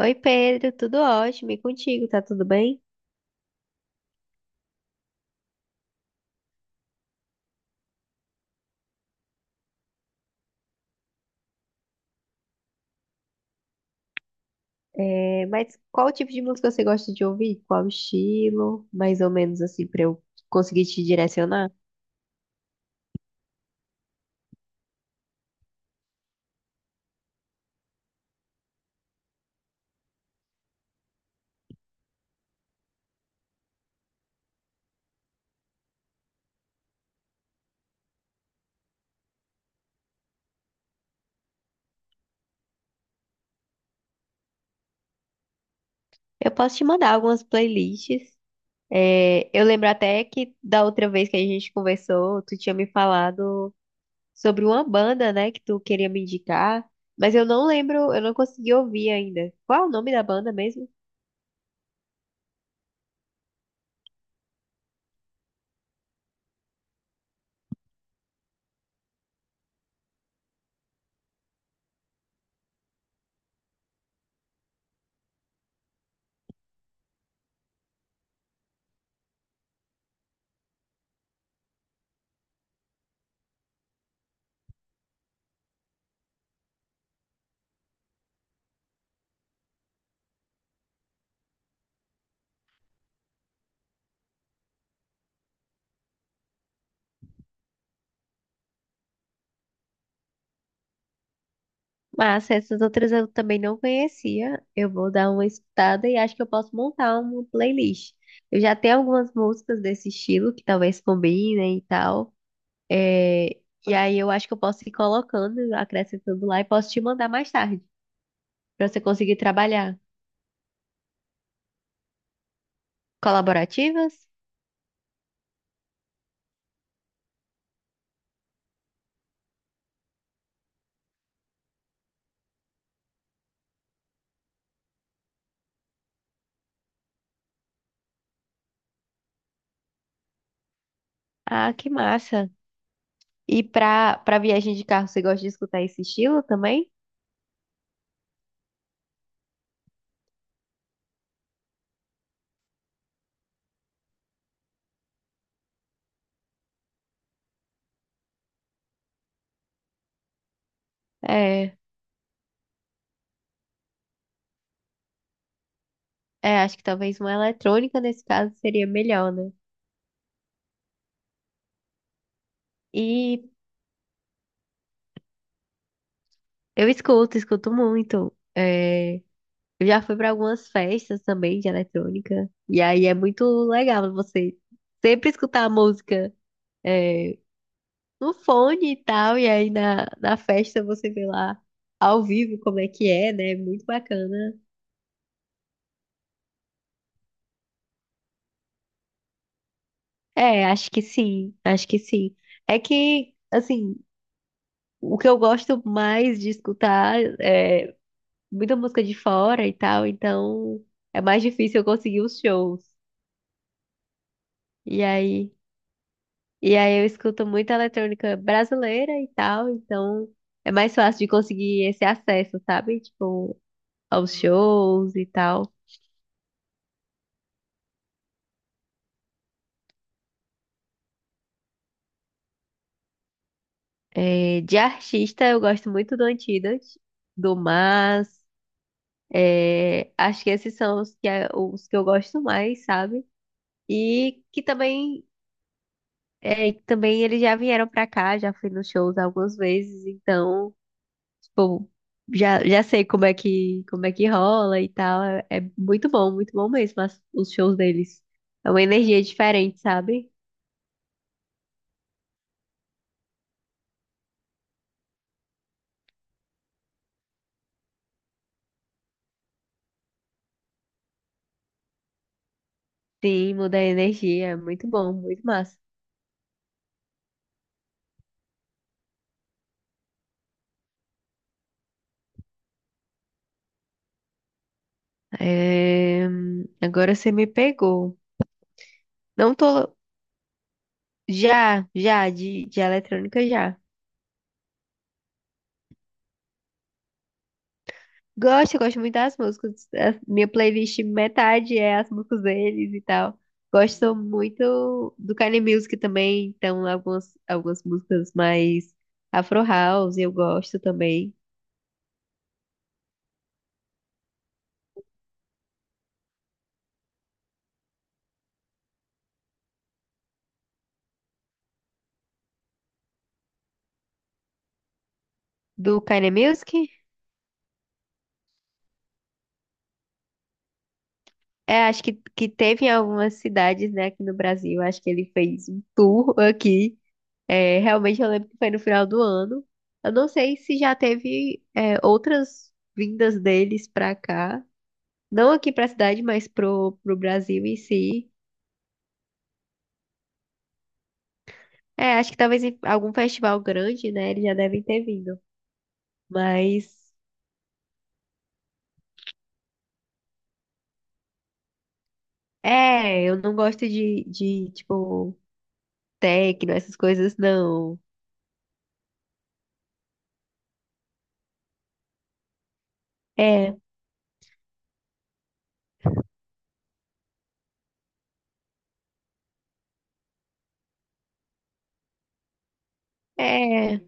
Oi Pedro, tudo ótimo? E contigo, tá tudo bem? É, mas qual tipo de música você gosta de ouvir? Qual estilo? Mais ou menos assim, pra eu conseguir te direcionar? Eu posso te mandar algumas playlists. É, eu lembro até que da outra vez que a gente conversou, tu tinha me falado sobre uma banda, né, que tu queria me indicar, mas eu não lembro, eu não consegui ouvir ainda. Qual é o nome da banda mesmo? Mas essas outras eu também não conhecia. Eu vou dar uma escutada e acho que eu posso montar uma playlist. Eu já tenho algumas músicas desse estilo que talvez combinem e tal. É, e aí eu acho que eu posso ir colocando, acrescentando lá e posso te mandar mais tarde, pra você conseguir trabalhar. Colaborativas? Ah, que massa! E pra viagem de carro, você gosta de escutar esse estilo também? É, é, acho que talvez uma eletrônica nesse caso seria melhor, né? E eu escuto, escuto muito. É, eu já fui pra algumas festas também de eletrônica. E aí é muito legal você sempre escutar a música, é, no fone e tal. E aí na festa você vê lá ao vivo como é que é, né? Muito bacana. É, acho que sim, acho que sim. É que, assim, o que eu gosto mais de escutar é muita música de fora e tal. Então é mais difícil eu conseguir os shows. E aí. E aí eu escuto muita eletrônica brasileira e tal, então é mais fácil de conseguir esse acesso, sabe? Tipo, aos shows e tal. É, de artista, eu gosto muito do Antidas, do Mas. É, acho que esses são os que, é, os que eu gosto mais, sabe? E que também, é, que também eles já vieram pra cá, já fui nos shows algumas vezes, então. Tipo, já, já sei como é que rola e tal. É, é muito bom mesmo os shows deles. É uma energia diferente, sabe? Sim, muda a energia. É muito bom, muito massa. É, agora você me pegou. Não tô. Já, já, de eletrônica já. Gosto, eu gosto muito das músicas. A minha playlist, metade é as músicas deles e tal. Gosto muito do Kanye Music também, então algumas, algumas músicas mais Afro House eu gosto também. Do Kanye Music? É, acho que teve em algumas cidades, né, aqui no Brasil. Acho que ele fez um tour aqui. É, realmente eu lembro que foi no final do ano. Eu não sei se já teve, é, outras vindas deles pra cá. Não aqui pra cidade, mas pro Brasil em si. É, acho que talvez em algum festival grande, né? Eles já devem ter vindo. Mas, é, eu não gosto de tipo, techno, essas coisas, não. É, é.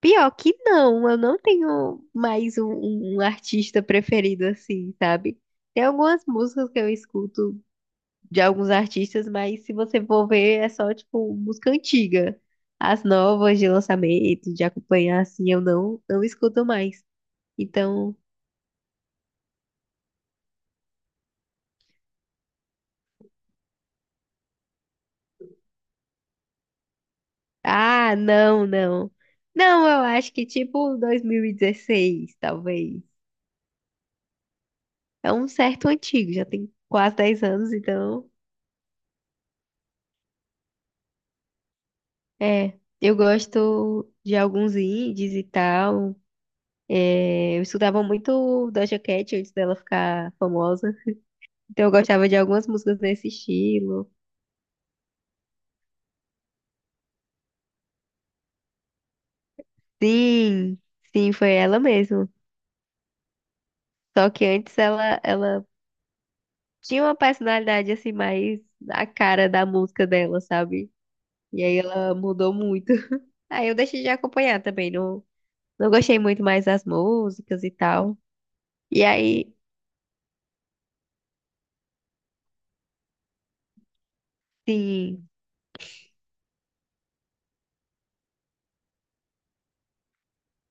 Pior que não, eu não tenho mais um, um artista preferido assim, sabe? Tem algumas músicas que eu escuto de alguns artistas, mas se você for ver, é só, tipo, música antiga. As novas de lançamento, de acompanhar, assim, eu não, não escuto mais. Então, ah, não, não. Não, eu acho que, tipo, 2016, talvez. É um certo antigo, já tem quase 10 anos, então, é. Eu gosto de alguns indies e tal. É, eu escutava muito Doja Cat antes dela ficar famosa. Então eu gostava de algumas músicas nesse estilo. Sim, sim, foi ela mesmo. Só que antes ela, ela tinha uma personalidade assim mais a cara da música dela, sabe? E aí ela mudou muito. Aí eu deixei de acompanhar também, não, não gostei muito mais das músicas e tal. E aí, sim,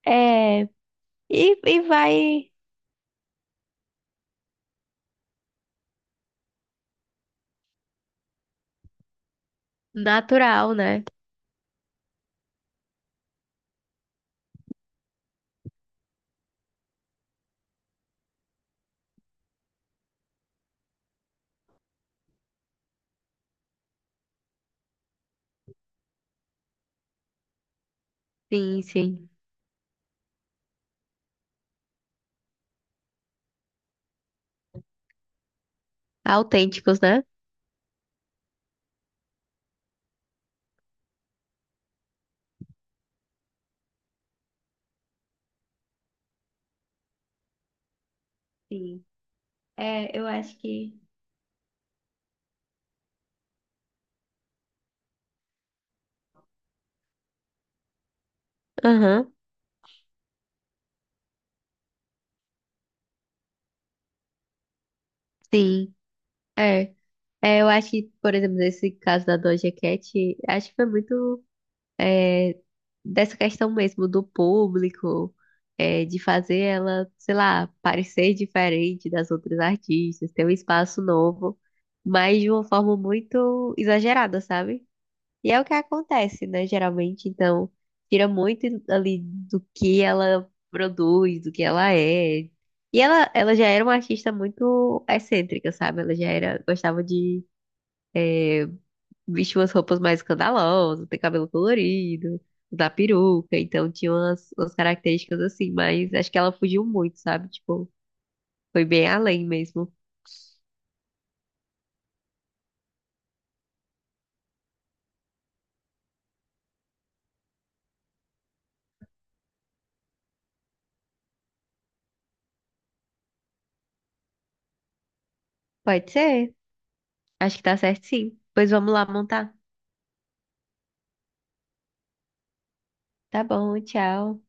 é, e vai natural, né? Sim, sim. Autênticos, né? Sim. É, eu acho que. Aham, sim. É. É, eu acho que, por exemplo, nesse caso da Doja Cat, acho que foi muito dessa questão mesmo do público, é, de fazer ela, sei lá, parecer diferente das outras artistas, ter um espaço novo, mas de uma forma muito exagerada, sabe? E é o que acontece, né, geralmente, então, tira muito ali do que ela produz, do que ela é. E ela já era uma artista muito excêntrica, sabe? Ela já era, gostava de vestia umas roupas mais escandalosas, ter cabelo colorido, usar peruca, então tinha umas, umas características assim, mas acho que ela fugiu muito, sabe? Tipo, foi bem além mesmo. Pode ser, acho que tá certo sim. Pois vamos lá montar. Tá bom, tchau.